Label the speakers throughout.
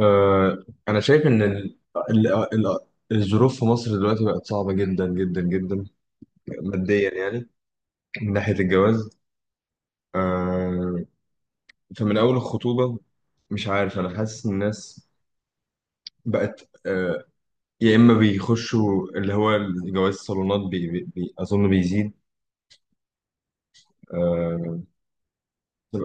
Speaker 1: أنا شايف إن ال... ال... الظروف في مصر دلوقتي بقت صعبة جدا جدا جدا ماديا يعني، من ناحية الجواز. آه، فمن أول الخطوبة مش عارف، أنا حاسس إن الناس بقت، يا إما بيخشوا اللي هو جواز الصالونات أظن بيزيد. آه، طب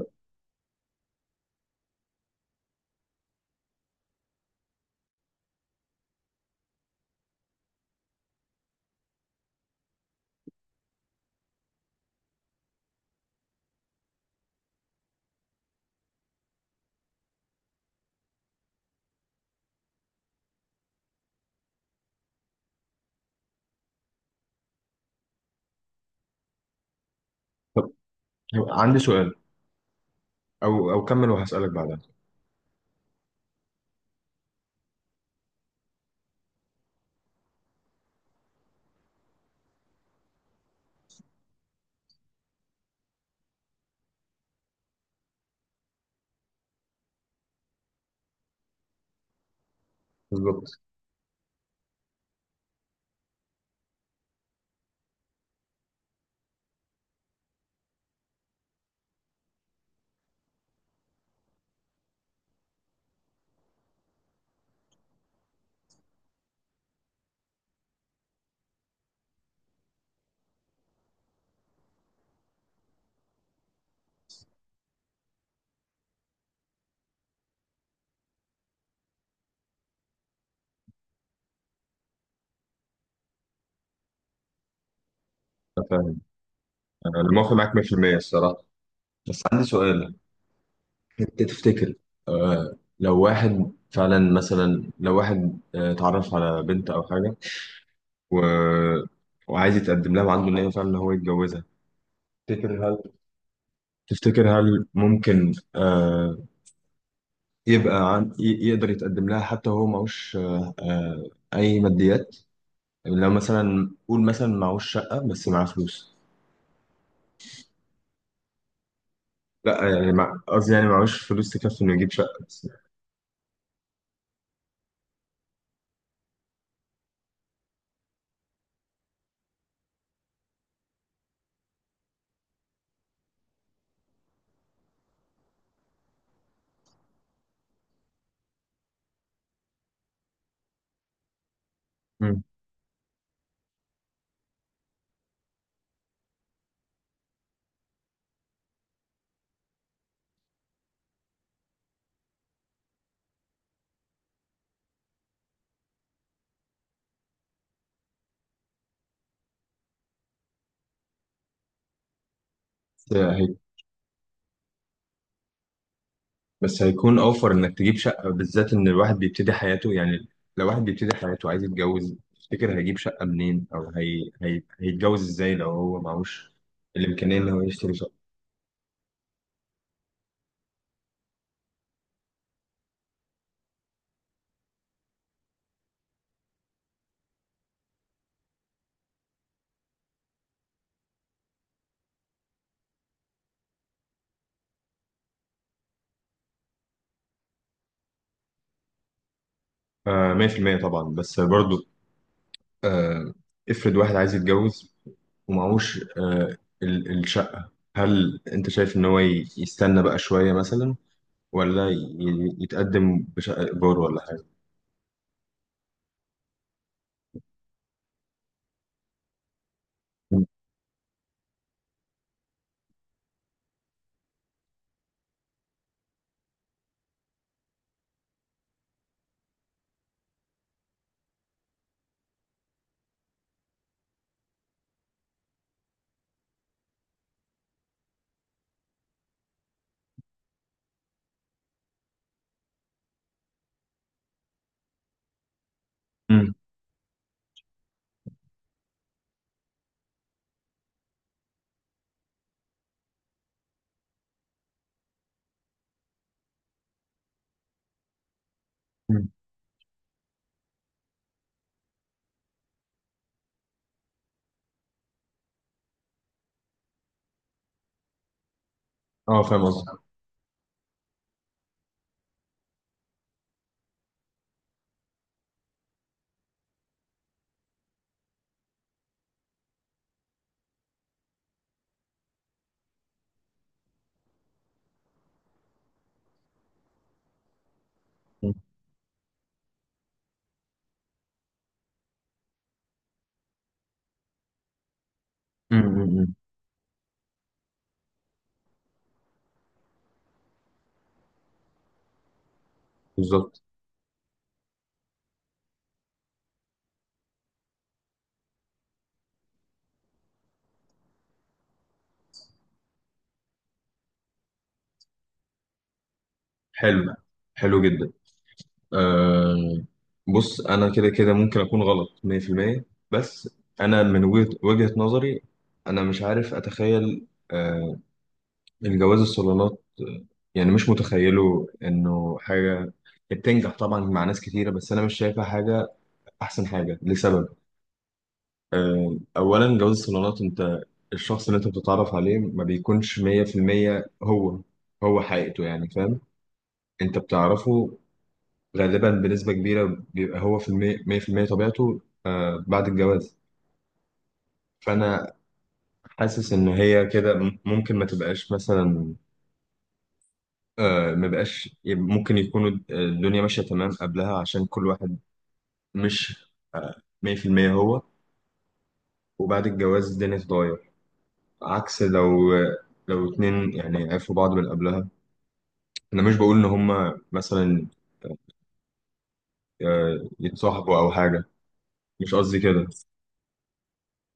Speaker 1: طب عندي سؤال. أو كمل وهسألك بعدها. بالظبط، أنا فاهم. أنا موافق معاك 100% الصراحة، بس عندي سؤال. انت تفتكر، لو واحد فعلا مثلا، لو واحد اتعرف على بنت او حاجه و... وعايز يتقدم لها وعنده نيه فعلا ان هو يتجوزها. تفتكر هل تفتكر هل ممكن يبقى يقدر يتقدم لها، حتى هو معهوش اي ماديات؟ لو مثلا، قول مثلا معهوش شقه بس معاه فلوس. لا يعني، قصدي يعني معهوش فلوس تكفي انه يجيب شقه بس. مم. بس هيكون اوفر انك تجيب شقه، بالذات ان الواحد بيبتدي حياته يعني. لو واحد بيبتدي حياته عايز يتجوز، تفتكر هيجيب شقه منين، او هيتجوز ازاي لو هو معهوش الامكانيه ان هو يشتري شقه؟ 100% طبعا، بس برضو آه افرض واحد عايز يتجوز ومعهوش، الشقه، هل انت شايف ان هو يستنى بقى شويه مثلا، ولا يتقدم بشقه ايجار ولا حاجه؟ مم. مم. اه، فاهم قصدي. مم. مم. مم. بالظبط. حلو، حلو جدا. أه، بص انا كده كده ممكن اكون غلط 100%، بس انا من وجهة نظري، انا مش عارف اتخيل، الجواز الصالونات، يعني مش متخيله انه حاجة بتنجح طبعا مع ناس كتيرة، بس انا مش شايفها حاجة احسن حاجة لسبب. اولا، جواز الصالونات، انت الشخص اللي انت بتتعرف عليه ما بيكونش 100% هو هو حقيقته يعني، فاهم. انت بتعرفه غالبا بنسبة كبيرة، بيبقى هو في المية مية في المية طبيعته بعد الجواز. فأنا حاسس إن هي كده ممكن ما تبقاش مثلا، ما بقاش، ممكن يكون الدنيا ماشية تمام قبلها عشان كل واحد مش مية في المية هو، وبعد الجواز الدنيا تتغير. عكس لو اتنين يعني عرفوا بعض من قبلها. أنا مش بقول إن هما مثلا، يتصاحبوا أو حاجة، مش قصدي كده.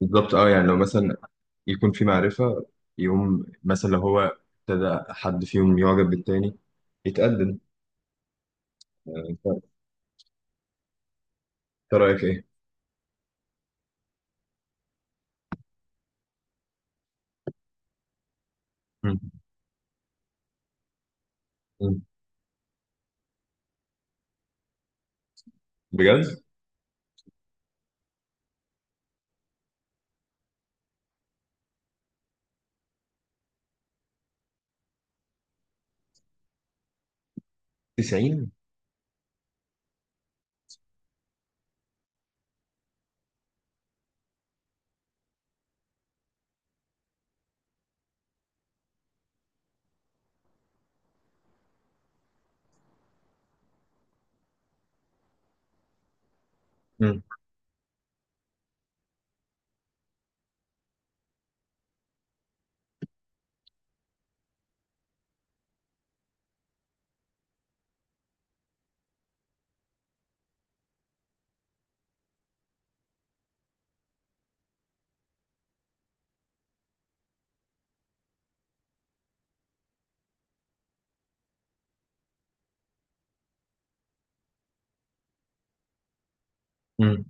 Speaker 1: بالظبط، اه يعني لو مثلا يكون في معرفة، يقوم مثلا لو هو ابتدى حد فيهم يعجب بالتاني يتقدم. إنت رأيك ايه؟ مم. مم. بجد؟ 90. مم. مم.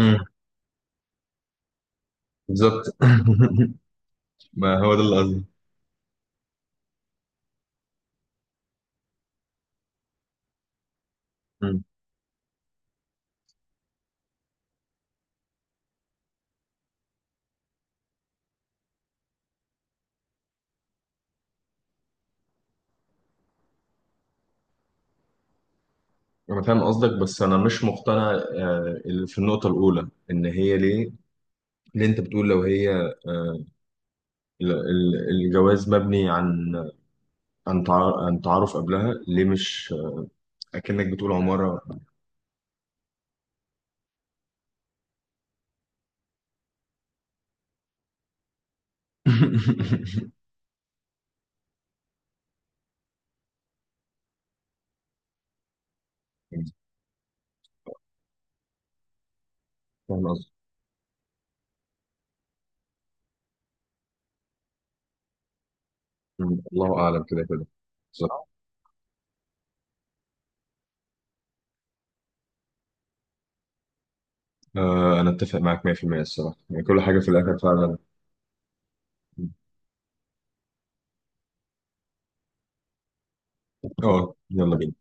Speaker 1: مم. بالظبط. ما هو ده اللي قصدي. مم. انا فاهم قصدك، بس انا مش مقتنع، اللي في النقطة الأولى، ان هي ليه. اللي انت بتقول لو هي، الجواز مبني عن تعارف قبلها ليه؟ مش اكنك بتقول عمارة. فاهم. مم. الله أعلم، كده كده. بالظبط، أنا أتفق معاك 100% الصراحة، يعني كل حاجة في الآخر فعلا. أه يلا بينا.